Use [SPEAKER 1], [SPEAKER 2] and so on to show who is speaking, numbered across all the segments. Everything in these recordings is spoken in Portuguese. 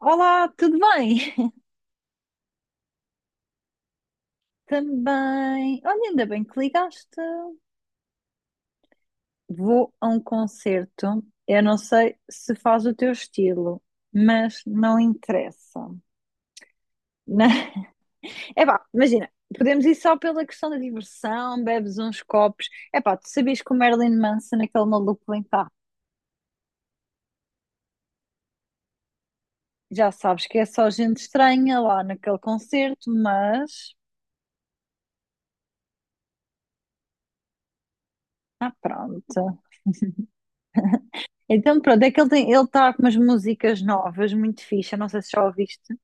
[SPEAKER 1] Olá, tudo bem? Também. Olha, ainda bem que ligaste. Vou a um concerto. Eu não sei se faz o teu estilo, mas não interessa. Na- É imagina, podemos ir só pela questão da diversão, bebes uns copos. É pá, tu sabias que o Marilyn Manson, aquele maluco, vem cá. Já sabes que é só gente estranha lá naquele concerto, mas. Ah, pronto. Então, pronto, é que ele está com umas músicas novas, muito fixe. Eu não sei se já ouviste.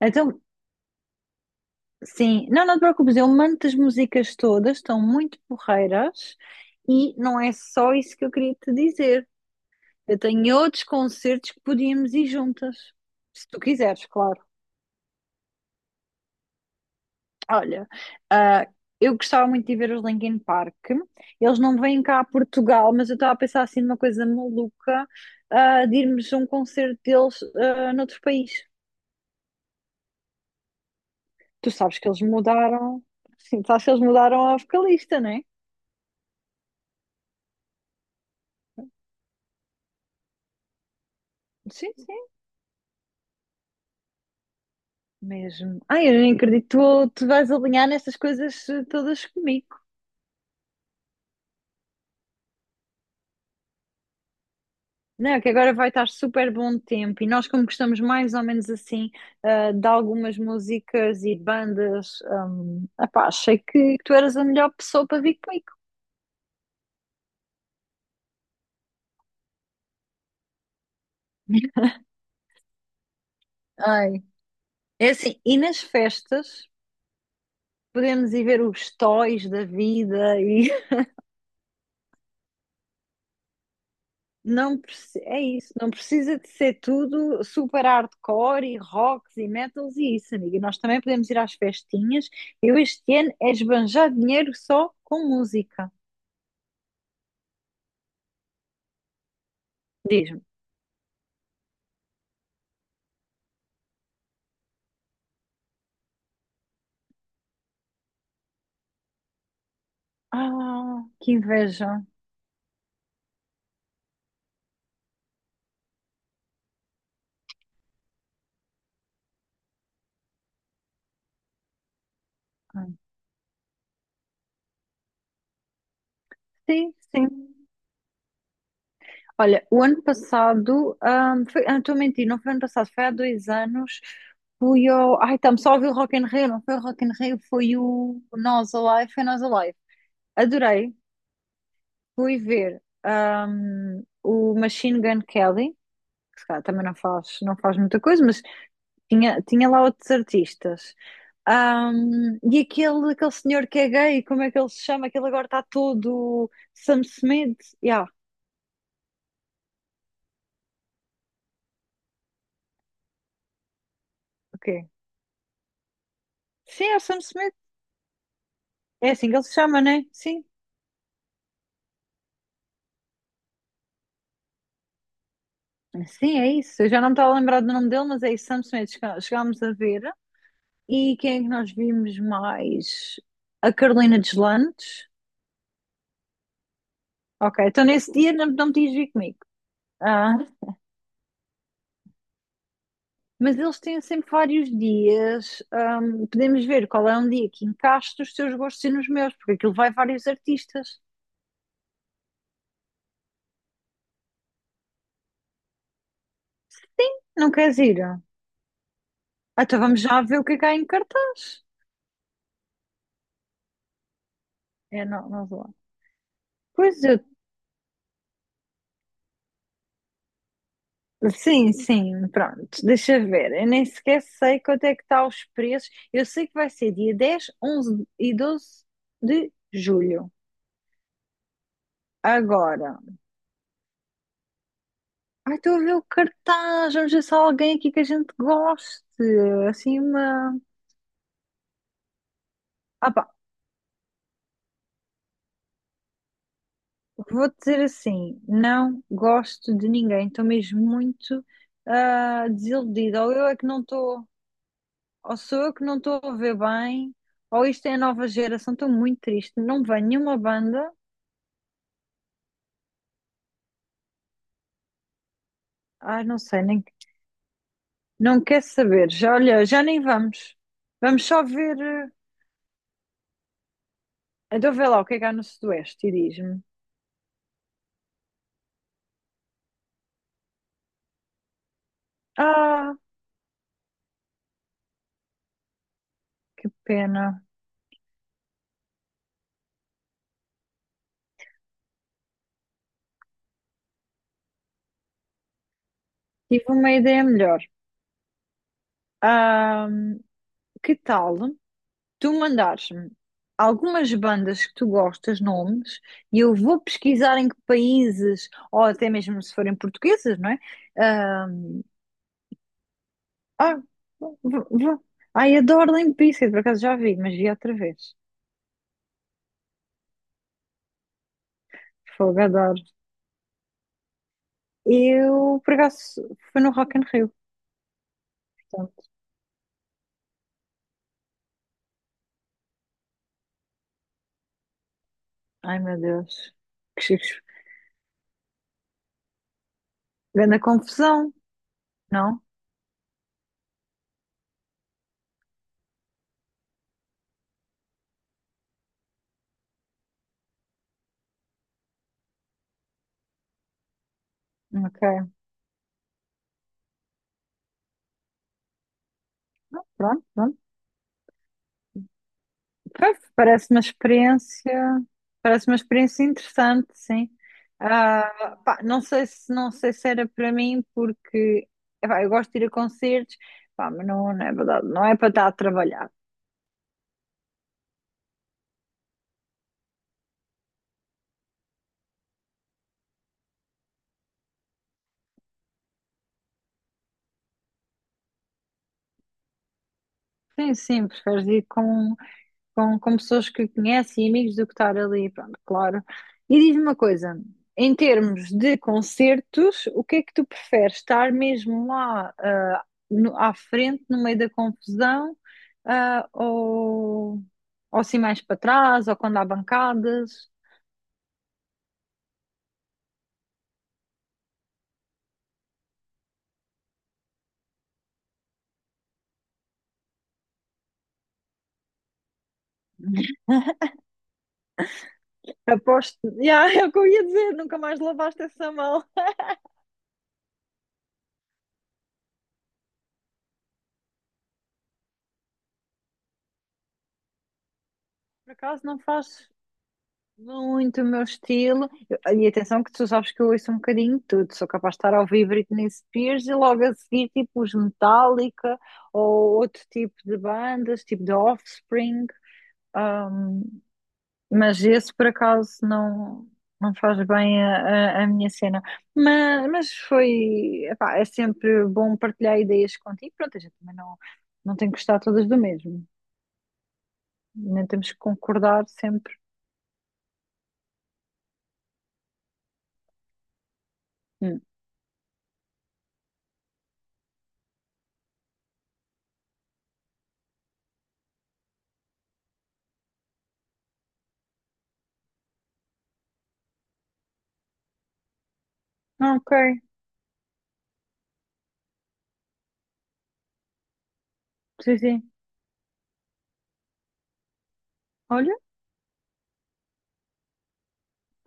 [SPEAKER 1] Então, sim, não te preocupes, eu mando as músicas todas, estão muito porreiras e não é só isso que eu queria te dizer. Eu tenho outros concertos que podíamos ir juntas, se tu quiseres, claro. Olha, ah, eu gostava muito de ver os Linkin Park, eles não vêm cá a Portugal, mas eu estava a pensar assim numa coisa maluca, de irmos a um concerto deles, noutro país. Tu sabes que eles mudaram, sim, sabes que eles mudaram a vocalista, não é? Sim, sim. Mesmo. Ai, eu nem acredito que tu vais alinhar nessas coisas todas comigo. Não, que agora vai estar super bom tempo e nós, como gostamos mais ou menos assim, de algumas músicas e bandas, epá, achei que tu eras a melhor pessoa para vir comigo. Ai. É assim, e nas festas podemos ir ver os toys da vida. É isso, não precisa de ser tudo super hardcore e rocks e metals e isso, amiga. Nós também podemos ir às festinhas. Eu este ano é esbanjar dinheiro só com música. Diz-me. Ah, que inveja. Ah, sim, sim. Olha, o ano passado, foi, ah, estou a mentir, não foi ano passado, foi há 2 anos. Fui ao. Ai, estamos só a ouvir o Rock in Rio, não foi o Rock in Rio, foi o Nós Alive, foi Nós Alive. Adorei. Fui ver o Machine Gun Kelly, que se calhar também não faz, não faz muita coisa, mas tinha lá outros artistas. E aquele senhor que é gay, como é que ele se chama? Aquele agora está todo Sam Smith. Yeah, ok. Sim, é o Sam Smith. É assim que ele se chama, né? Sim. Sim, é isso. Eu já não me estava a lembrar do nome dele, mas é isso, Sam Smith. Chegámos a ver. E quem é que nós vimos mais? A Carolina Deslandes. Ok, então nesse dia não, não me tinhas vir comigo. Ah, mas eles têm sempre vários dias. Podemos ver qual é um dia que encaixa os teus gostos e nos meus, porque aquilo vai vários artistas. Não queres ir? Ah, então vamos já ver o que é que há em cartaz. Eu não, não vou. Pois eu. Sim, sim, pronto. Deixa ver. Eu nem sequer sei quanto é que está os preços. Eu sei que vai ser dia 10, 11 e 12 de julho. Agora. Ai, estou a ver o cartaz. Vamos ver se há alguém aqui que a gente goste. Assim, uma. Ah, pá. Vou dizer assim, não gosto de ninguém, estou mesmo muito desiludida. Ou eu é que não estou, ou sou eu que não estou a ver bem, ou isto é a nova geração, estou muito triste. Não vem nenhuma banda, ai não sei, nem, não quer saber. Já, olha, já nem vamos. Vamos só ver. Então vê lá o que é que há no Sudoeste e diz-me. Ah, que pena, tive uma ideia melhor. Ah, que tal tu mandares-me algumas bandas que tu gostas, nomes, e eu vou pesquisar em que países, ou até mesmo se forem portuguesas, não é? Ah, vou, vou. Ai, adoro Limp Bizkit, por acaso já vi, mas vi outra vez. Fogo, adoro. Eu, por acaso, foi no Rock in Rio, portanto. Ai, meu Deus. Que chique. Grande confusão, não? Ok, pronto. Pois, parece uma experiência, parece uma experiência interessante, sim. Ah, pá, não sei se era para mim, porque epá, eu gosto de ir a concertos, pá, mas não, não é verdade, não é para estar a trabalhar. Sim, sim, preferes ir com com pessoas que conhece e amigos, do que estar ali, pronto, claro. E diz-me uma coisa, em termos de concertos, o que é que tu preferes? Estar mesmo lá, à frente, no meio da confusão, ah, ou, ou assim mais para trás, ou quando há bancadas? Aposto, yeah, é o que eu ia dizer, nunca mais lavaste essa mão. Por acaso não faz muito o meu estilo. E atenção que tu sabes que eu ouço um bocadinho de tudo. Sou capaz de estar a ouvir Britney Spears e logo a seguir tipo os Metallica ou outro tipo de bandas, tipo de Offspring. Ahm, mas esse por acaso não, não faz bem a minha cena. Mas foi, epá, é sempre bom partilhar ideias contigo. Pronto, a gente também não, não tem que gostar todas do mesmo. Nem temos que concordar sempre. Hum. Ok, sim, sim. Olha.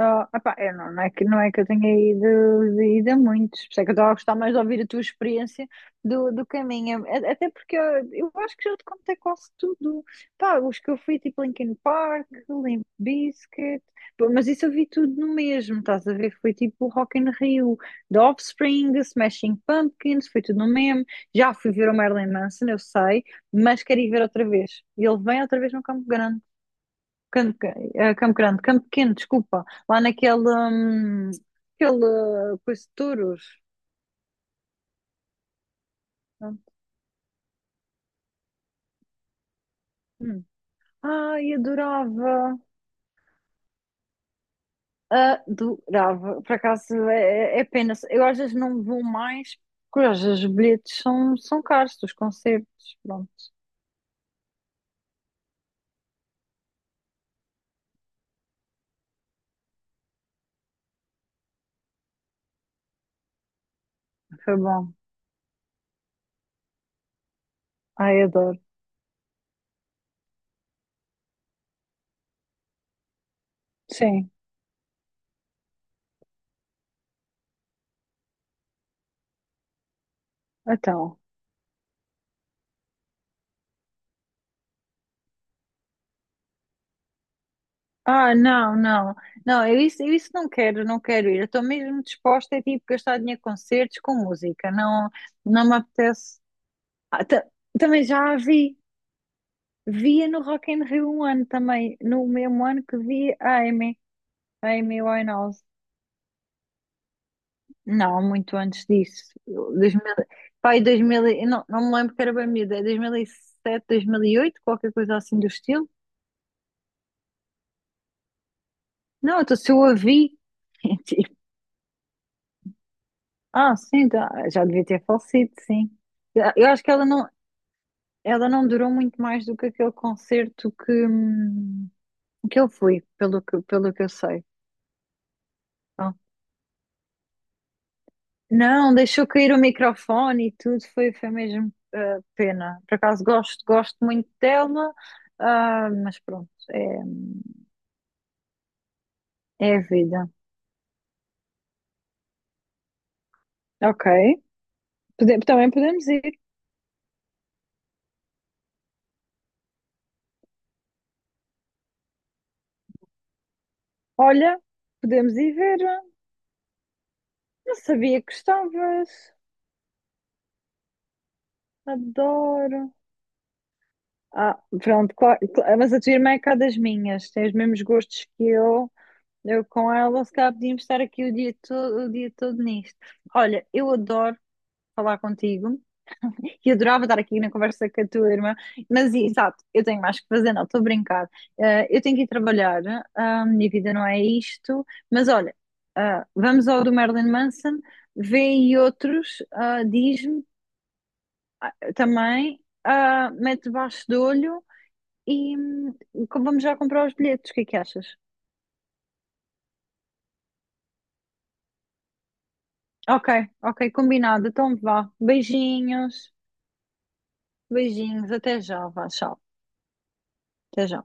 [SPEAKER 1] Oh, epá, eu não, não é que, não é que eu tenha ido, ido a muitos, por isso é que eu estava a gostar mais de ouvir a tua experiência do, do caminho. Até porque eu, acho que já te contei quase tudo, pá, os que eu fui, tipo Linkin Park, Limp Bizkit, pô, mas isso eu vi tudo no mesmo, estás a ver, foi tipo Rock in Rio, The Offspring, Smashing Pumpkins, foi tudo no mesmo, já fui ver o Marilyn Manson, eu sei, mas quero ir ver outra vez, e ele vem outra vez no Campo Grande. Campo Grande, Campo Pequeno, desculpa, lá naquele, aquele coisa de touros. Ah. Hum. Ai, adorava. Por acaso é pena, eu às vezes não vou mais, porque às vezes os bilhetes são caros, dos concertos. Pronto, foi bom. Ai, adoro. Sim, então. Ah, não, não, não, eu isso não quero, não quero ir. Eu estou mesmo disposta a tipo gastar dinheiro com concertos, com música. Não, não me apetece. Ah, também já a vi. Via no Rock in Rio um ano também, no mesmo ano que vi a Amy Winehouse. Não, muito antes disso. 2000, não, não me lembro, que era bem miúda, é dois mil e sete, 2008, qualquer coisa assim do estilo. Não, então se eu a vi, tipo, ah, sim, tá, já devia ter falecido, sim. Eu acho que ela não durou muito mais do que aquele concerto que eu fui, pelo que eu sei. Então, não, deixou cair o microfone e tudo, foi, foi mesmo pena. Por acaso gosto, gosto muito dela, ah, mas pronto, é, é a vida. Ok, também podemos ir. Olha, podemos ir ver. Não sabia que gostavas. Adoro. Ah, pronto, claro, claro, mas a tua irmã é cá das minhas, tem os mesmos gostos que eu. Eu com ela, se calhar podíamos estar aqui o dia todo nisto. Olha, eu adoro falar contigo. Que adorava estar aqui na conversa com a tua irmã, mas exato, eu tenho mais que fazer, não, estou a brincar. Eu tenho que ir trabalhar, ah, minha vida não é isto, mas olha, ah, vamos ao do Marilyn Manson, vê aí outros, ah, diz-me, ah, também, ah, mete debaixo do olho e vamos já comprar os bilhetes, o que é que achas? Ok, ok, combinado, então vá, beijinhos, beijinhos, até já, vá, tchau, até já.